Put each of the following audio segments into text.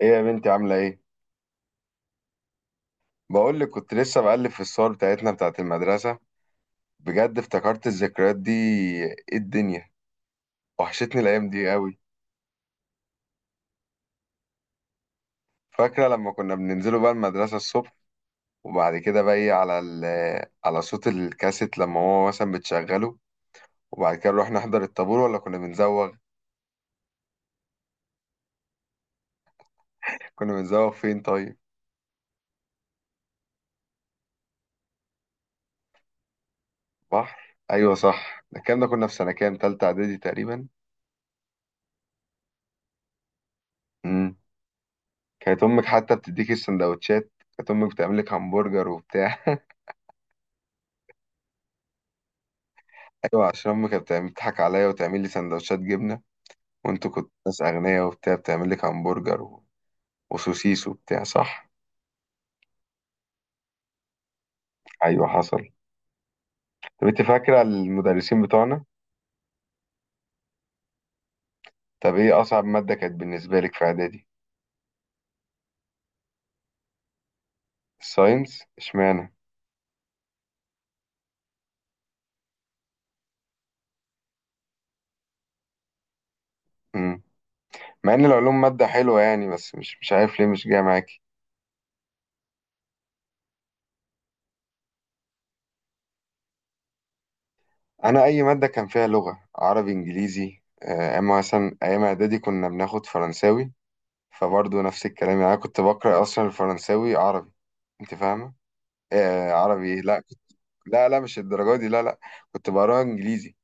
ايه يا بنتي عاملة ايه؟ بقول لك كنت لسه بقلب في الصور بتاعتنا بتاعت المدرسة. بجد افتكرت الذكريات دي. ايه الدنيا، وحشتني الأيام دي قوي. فاكرة لما كنا بننزلوا بقى المدرسة الصبح، وبعد كده بقى ايه على صوت الكاسيت لما هو مثلا بتشغله، وبعد كده نروح نحضر الطابور ولا كنا بنزوغ؟ كنا بنزوغ فين طيب؟ بحر؟ أيوة صح، ده الكلام ده كنا في سنة كام؟ تالتة إعدادي تقريبا؟ امم كانت أمك حتى بتديكي السندوتشات، كانت أمك بتعملك همبرجر وبتاع ايوه، عشان امي كانت بتضحك عليا وتعمل لي سندوتشات جبنه، وانتوا كنتوا ناس اغنياء وبتاع، بتعمل لك همبرجر وسوسيس وبتاع صح. ايوه حصل. طب انت فاكره المدرسين بتوعنا؟ طب ايه اصعب ماده كانت بالنسبه لك في اعدادي؟ الساينس اشمعنى؟ امم. مع ان العلوم ماده حلوه يعني، بس مش عارف ليه مش جايه معاكي. انا اي ماده كان فيها لغه، عربي، انجليزي، اما مثلا ايام اعدادي كنا بناخد فرنساوي، فبرضه نفس الكلام يعني. انا كنت بقرا اصلا الفرنساوي عربي، انت فاهمه. آه عربي إيه؟ لا كنت. لا لا مش الدرجة دي، لا لا. كنت بقراها انجليزي.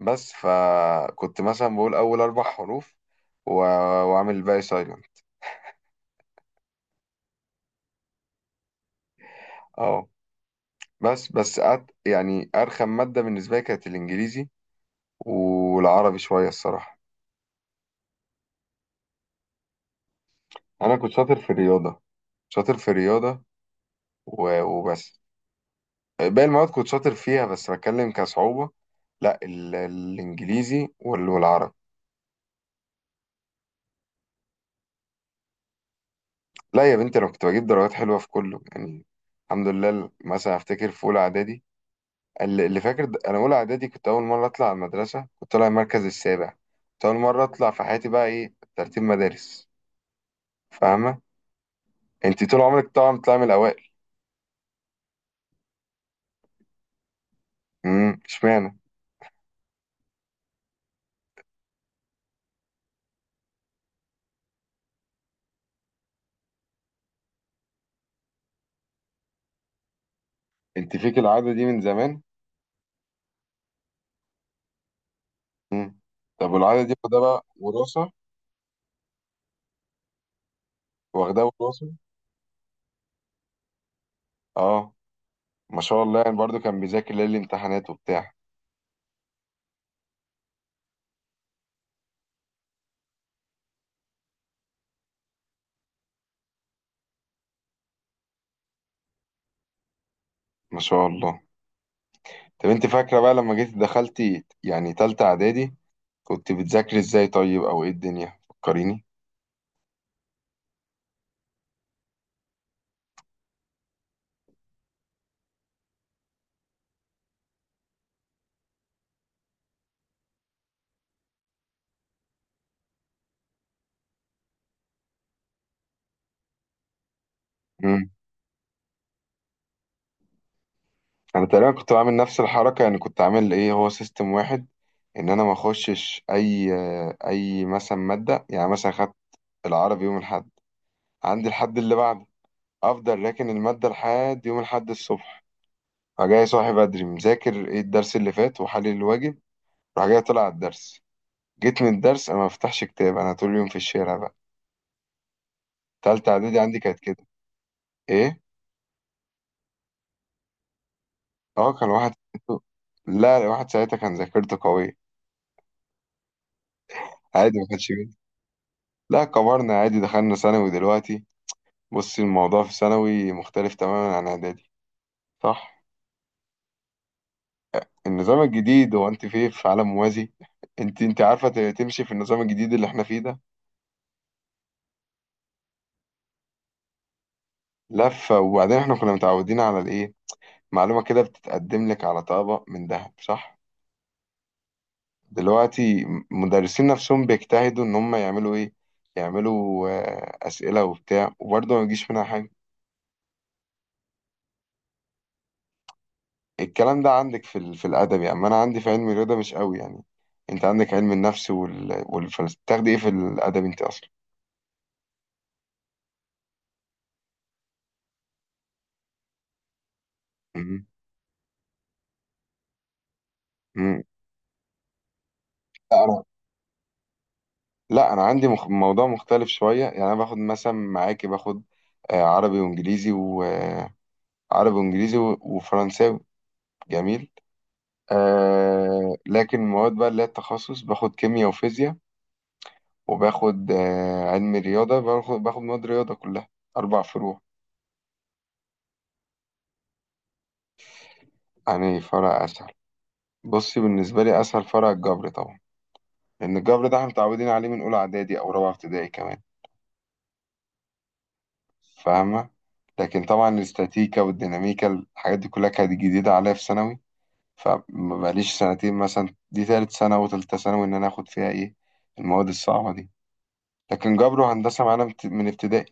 بس فكنت مثلا بقول اول اربع حروف و... واعمل الباقي سايلنت. اه. يعني ارخم مادة بالنسبة لي كانت الانجليزي، والعربي شوية الصراحة. انا كنت شاطر في الرياضة، شاطر في الرياضة وبس. باقي المواد كنت شاطر فيها بس بتكلم كصعوبة. لا الانجليزي والعربي. لا يا بنتي انا كنت بجيب درجات حلوه في كله يعني، الحمد لله. مثلا افتكر في اولى اعدادي، اللي فاكر، انا اولى اعدادي كنت اول مره اطلع على المدرسه، كنت طالع المركز السابع. كنت اول مره اطلع في حياتي بقى ايه، ترتيب مدارس، فاهمه. انت طول عمرك طبعا بتطلعي من الاوائل. اشمعنى. انت فيك العاده دي من زمان. امم. طب والعاده دي واخدها بقى وراثه؟ واخدها وراثه؟ اه. ما شاء الله، يعني برضو كان بيذاكر ليالي الامتحانات وبتاع. ما شاء الله. طب انت فاكره بقى لما جيت دخلتي يعني تالتة اعدادي، كنت بتذاكري ازاي طيب، او ايه الدنيا، فكريني. امم. انا تقريبا كنت بعمل نفس الحركه يعني، كنت عامل ايه، هو سيستم واحد. ان انا ما اخشش اي مثلا ماده. يعني مثلا خدت العربي يوم الاحد، عندي الحد اللي بعده، افضل راكن الماده لحد يوم الاحد الصبح، فجاي صاحي بدري مذاكر ايه، الدرس اللي فات وحلل الواجب، راح جاي طلع على الدرس. جيت من الدرس انا ما بفتحش كتاب، انا طول اليوم في الشارع بقى. تالتة اعدادي عندي كانت كده. ايه؟ اه كان واحد. لا واحد ساعتها كان ذاكرته قوية. عادي ما كانش بيه. لا كبرنا، عادي دخلنا ثانوي دلوقتي. بصي الموضوع في ثانوي مختلف تماما عن اعدادي، صح. النظام الجديد هو انت في عالم موازي. انت عارفه تمشي في النظام الجديد اللي احنا فيه ده. لفه. وبعدين احنا كنا متعودين على الايه، معلومه كده بتتقدم لك على طبق من ذهب صح. دلوقتي مدرسين نفسهم بيجتهدوا ان هم يعملوا ايه، يعملوا اسئله وبتاع، وبرضه ما يجيش منها حاجه. الكلام ده عندك في في الادب يعني، اما انا عندي في علم الرياضه مش قوي يعني. انت عندك علم النفس والفلسفه، بتاخدي ايه في الادب انت اصلا؟ مم. مم. لا انا، لا انا عندي موضوع مختلف شويه يعني. انا باخد مثلا معاكي، باخد عربي وانجليزي، وعربي وانجليزي وفرنساوي. جميل. آه، لكن المواد بقى اللي هي التخصص، باخد كيمياء وفيزياء، وباخد آه، علم رياضه، باخد مواد رياضه كلها، اربع فروع. يعني فرع اساسي، بصي بالنسبة لي أسهل فرع الجبر طبعا، لأن الجبر ده احنا متعودين عليه من أولى إعدادي أو رابعة ابتدائي كمان، فاهمة. لكن طبعا الاستاتيكا والديناميكا، الحاجات دي كلها كانت جديدة عليا في ثانوي. فمبقاليش سنتين مثلا، دي تالت سنة وتالتة ثانوي إن أنا آخد فيها إيه، المواد الصعبة دي. لكن جبر وهندسة معانا من ابتدائي.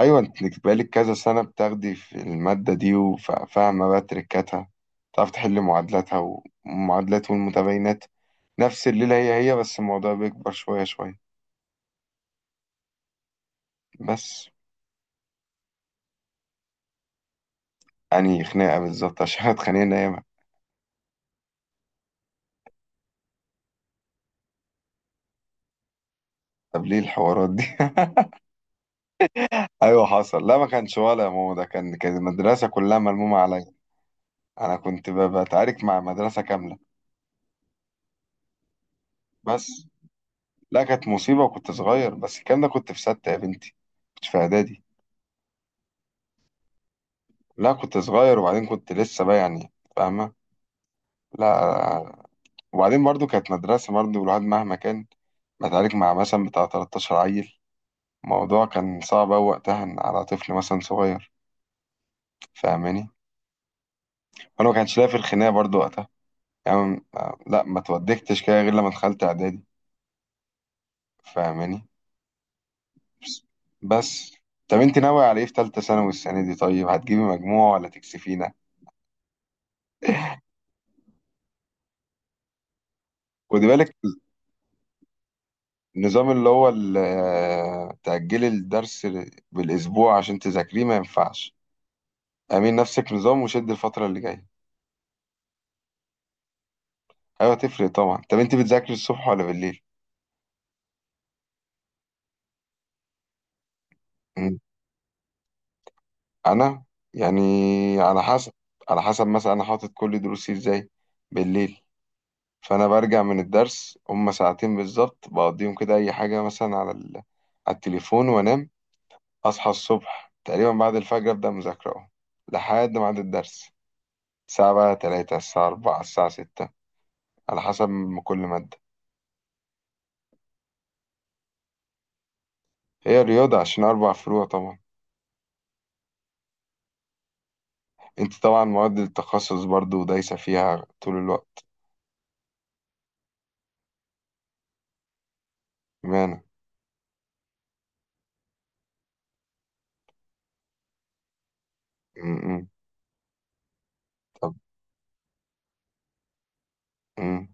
أيوة أنت بقالك كذا سنة بتاخدي في المادة دي، وفاهمة بقى تركاتها، تعرف تحل معادلاتها ومعادلات والمتباينات. نفس الليلة هي هي، بس الموضوع بيكبر شوية شوية. بس. يعني خناقة بالظبط عشان احنا اتخانقنا ياما. طب ليه الحوارات دي. ايوه حصل. لا ما كانش ولا يا ماما، ده كان كان المدرسة كلها ملمومة عليا. انا كنت بتعارك مع مدرسة كاملة. بس. لا كانت مصيبة، وكنت صغير. بس الكلام ده كنت في ستة يا بنتي، كنت في اعدادي. لا كنت صغير، وبعدين كنت لسه بقى يعني، فاهمة. لا. وبعدين برضو كانت مدرسة، برضو الواحد مهما كان، بتعارك مع مثلا بتاع 13 عيل، الموضوع كان صعب أوي وقتها إن على طفل مثلا صغير، فاهماني. وأنا ما كانش ليا في الخناقة برضو وقتها يعني. لا ما اتودكتش كده غير لما دخلت إعدادي، فاهماني. بس. بس. طب أنت ناوي على إيه في تالتة ثانوي السنة دي، طيب هتجيبي مجموع ولا تكسفينا؟ خدي بالك، النظام اللي هو تأجلي الدرس بالأسبوع عشان تذاكريه ما ينفعش. اعملي نفسك نظام وشد الفترة اللي جاية. أيوة تفرق طبعا. طب أنت بتذاكري الصبح ولا بالليل؟ انا، يعني، على حسب. على حسب مثلا انا حاطط كل دروسي ازاي، بالليل. فانا برجع من الدرس هما ساعتين بالظبط، بقضيهم كده اي حاجه مثلا على على التليفون، وانام. اصحى الصبح تقريبا بعد الفجر ابدا مذاكره اهو لحد ميعاد الدرس. الساعه بقى 3، الساعه 4، الساعه 6، على حسب ما كل ماده. هي رياضه، عشان اربع فروع طبعا. انت طبعا مواد التخصص برضو دايسه فيها طول الوقت. بمعنى. م- م. طب. م.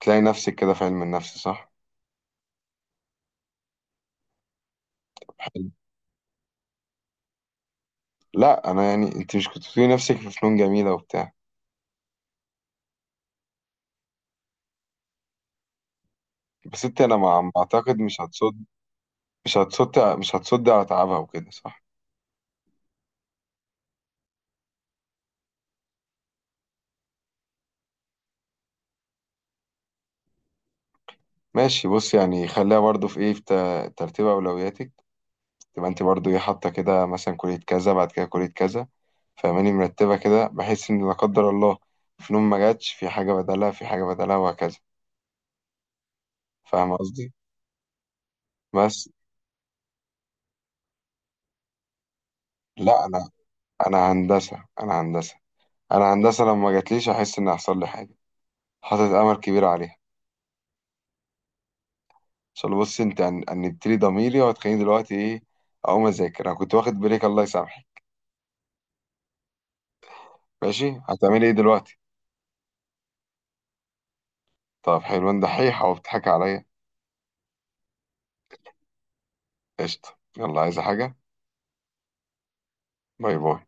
تلاقي نفسك كده في علم النفس صح؟ حلو. لا انا يعني، انت مش كنت بتقولي نفسك في فنون جميله وبتاع؟ بس انت، انا ما اعتقد مش هتصد، مش هتصد، مش هتصد على تعبها وكده صح؟ ماشي، بص يعني خليها برضو في ايه، في ترتيب اولوياتك. تبقى انت برضو ايه حاطه كده مثلا كليه كذا، بعد كده كليه كذا، فاهماني، مرتبه كده بحيث ان لا قدر الله فنون ما جاتش، في حاجه بدلها، في حاجه بدلها، وهكذا. فاهم قصدي؟ بس. لا انا، انا هندسه، انا هندسه، انا هندسه. لما جاتليش احس ان حصل لي حاجه، حاطط امل كبير عليها. عشان بص انت هنبتدي ضميري وهتخليني دلوقتي ايه، اقوم اذاكر. انا كنت واخد بريك، الله يسامحك. ماشي هتعملي ايه دلوقتي؟ طب حلوان دحيح او بتضحك عليا؟ قشطه، يلا، عايزه حاجه؟ باي باي.